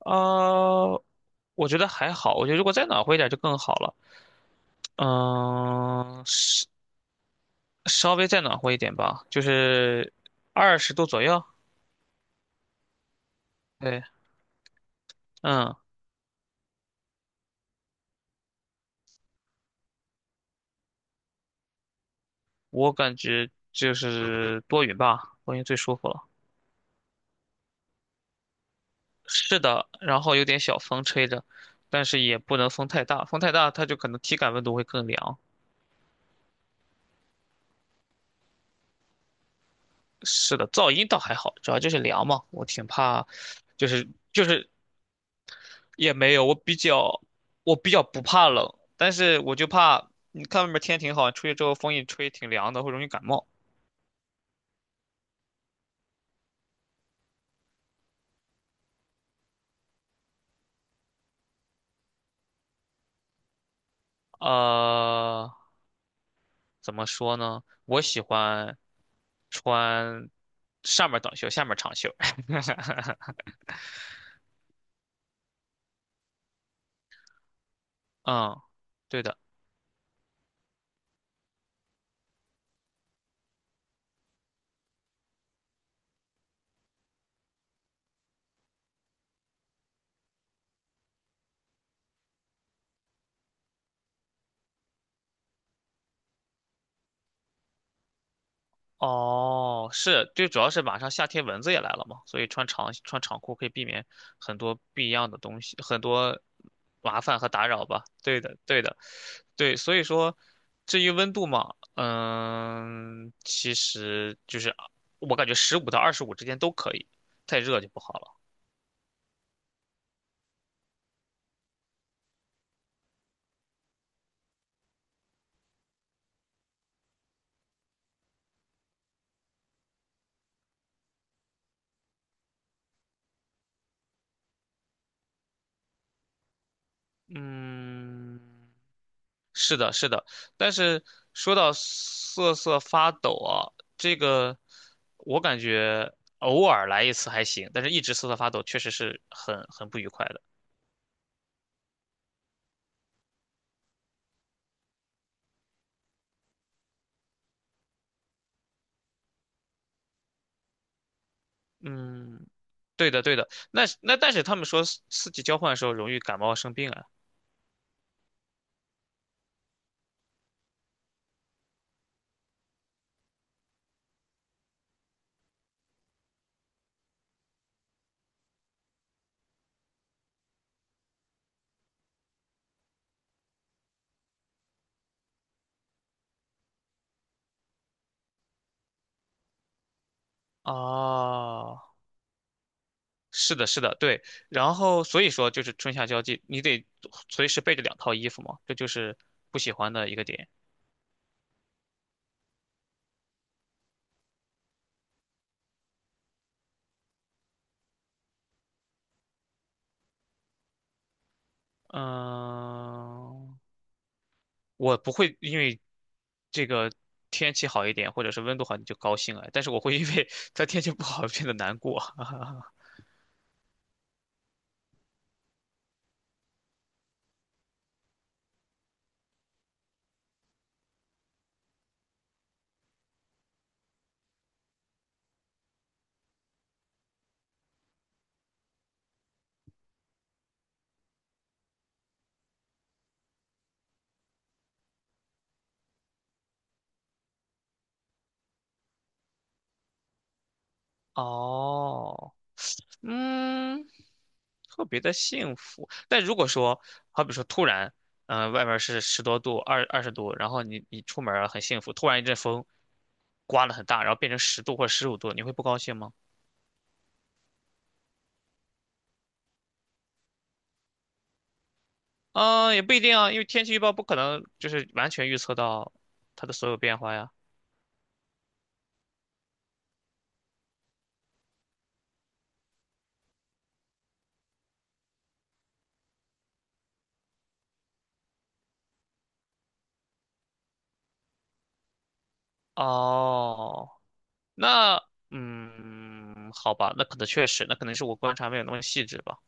啊，我觉得还好，我觉得如果再暖和一点就更好了。嗯、稍稍微再暖和一点吧，就是二十度左右。对，嗯，我感觉就是多云吧，多云最舒服了。是的，然后有点小风吹着，但是也不能风太大，风太大它就可能体感温度会更凉。是的，噪音倒还好，主要就是凉嘛，我挺怕，就是就是也没有，我比较不怕冷，但是我就怕你看外面天挺好，出去之后风一吹挺凉的，会容易感冒。呃，怎么说呢？我喜欢穿上面短袖，下面长袖。嗯，对的。哦，是，就主要是马上夏天蚊子也来了嘛，所以穿长裤可以避免很多不一样的东西，很多麻烦和打扰吧。对的，对的，对，所以说，至于温度嘛，嗯，其实就是我感觉15到25之间都可以，太热就不好了。嗯，是的，是的，但是说到瑟瑟发抖啊，这个我感觉偶尔来一次还行，但是一直瑟瑟发抖确实是很不愉快的。嗯，对的，对的。那但是他们说四季交换的时候容易感冒生病啊。哦，是的，是的，对。然后所以说就是春夏交际，你得随时备着两套衣服嘛，这就是不喜欢的一个点。嗯。我不会因为这个天气好一点，或者是温度好，你就高兴啊。但是我会因为 它天气不好变得难过。哦，嗯，特别的幸福。但如果说，好比说突然，嗯、外面是10多度、二十度，然后你出门儿很幸福，突然一阵风刮了很大，然后变成十度或者十五度，你会不高兴吗？嗯，也不一定啊，因为天气预报不可能就是完全预测到它的所有变化呀。哦，那好吧，那可能确实，那可能是我观察没有那么细致吧。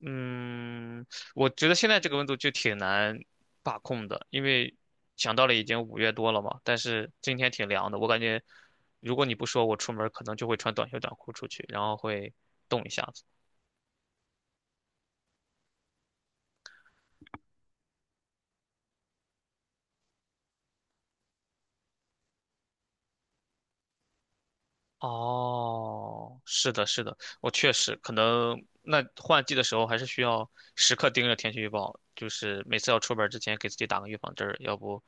嗯，我觉得现在这个温度就挺难把控的，因为想到了已经五月多了嘛，但是今天挺凉的，我感觉如果你不说，我出门可能就会穿短袖短裤出去，然后会冻一下子。哦，是的，是的，我确实可能那换季的时候还是需要时刻盯着天气预报，就是每次要出门儿之前给自己打个预防针儿，要不，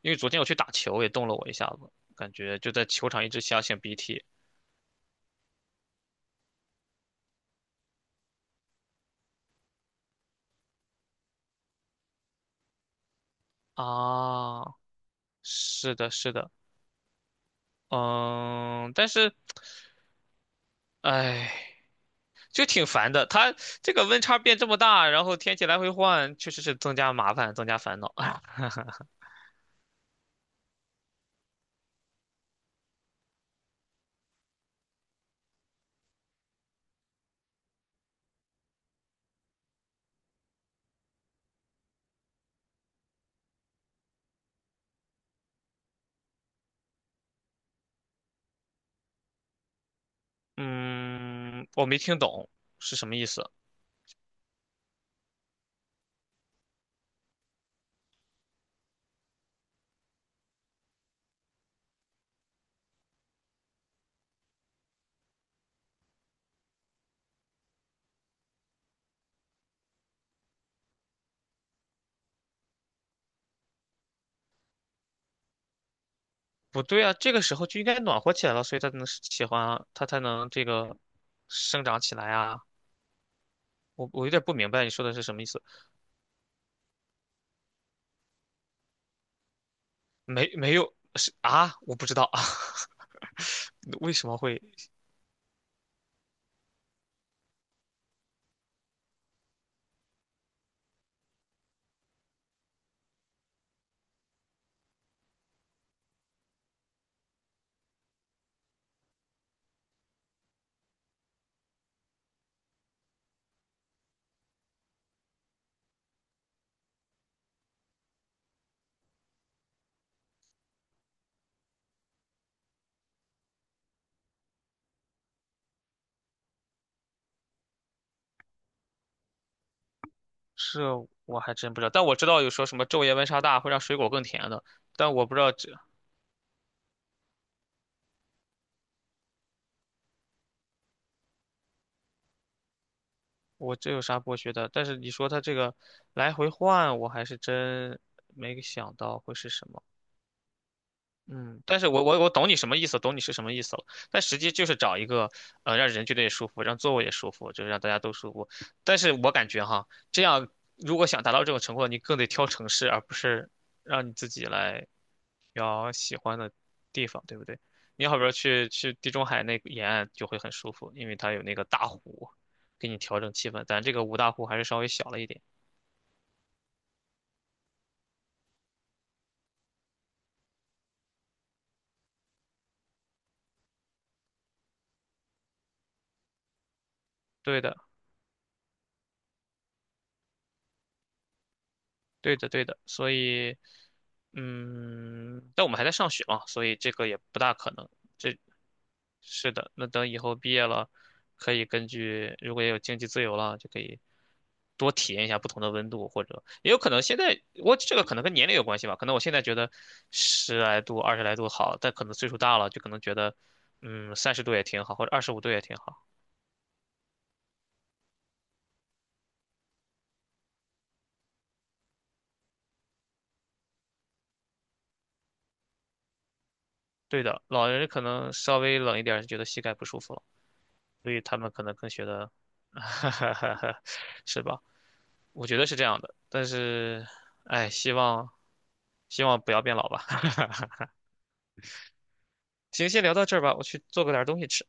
因为昨天我去打球也冻了我一下子，感觉就在球场一直想擤鼻涕啊，是的，是的，嗯，但是，哎，就挺烦的，它这个温差变这么大，然后天气来回换，确实是增加麻烦，增加烦恼。嗯，我没听懂是什么意思。不对啊，这个时候就应该暖和起来了，所以它才能喜欢啊，它才能这个生长起来啊。我有点不明白你说的是什么意思，没没有是啊，我不知道啊，为什么会是我还真不知道，但我知道有说什么昼夜温差大会让水果更甜的，但我不知道这我这有啥剥削的，但是你说它这个来回换，我还是真没想到会是什么。嗯，但是我懂你什么意思，懂你是什么意思了。但实际就是找一个，让人觉得也舒服，让座位也舒服，就是让大家都舒服。但是我感觉哈，这样如果想达到这种成果，你更得挑城市，而不是让你自己来挑喜欢的地方，对不对？你好比说去地中海那个沿岸就会很舒服，因为它有那个大湖，给你调整气氛。咱这个五大湖还是稍微小了一点。对的。对的，对的，所以，嗯，但我们还在上学嘛，所以这个也不大可能。这是的，那等以后毕业了，可以根据如果也有经济自由了，就可以多体验一下不同的温度，或者也有可能现在我这个可能跟年龄有关系吧，可能我现在觉得十来度、二十来度好，但可能岁数大了就可能觉得，嗯，30度也挺好，或者25度也挺好。对的，老人可能稍微冷一点儿就觉得膝盖不舒服了。所以他们可能更学的，是吧？我觉得是这样的，但是，哎，希望不要变老吧。行，先聊到这儿吧，我去做个点儿东西吃。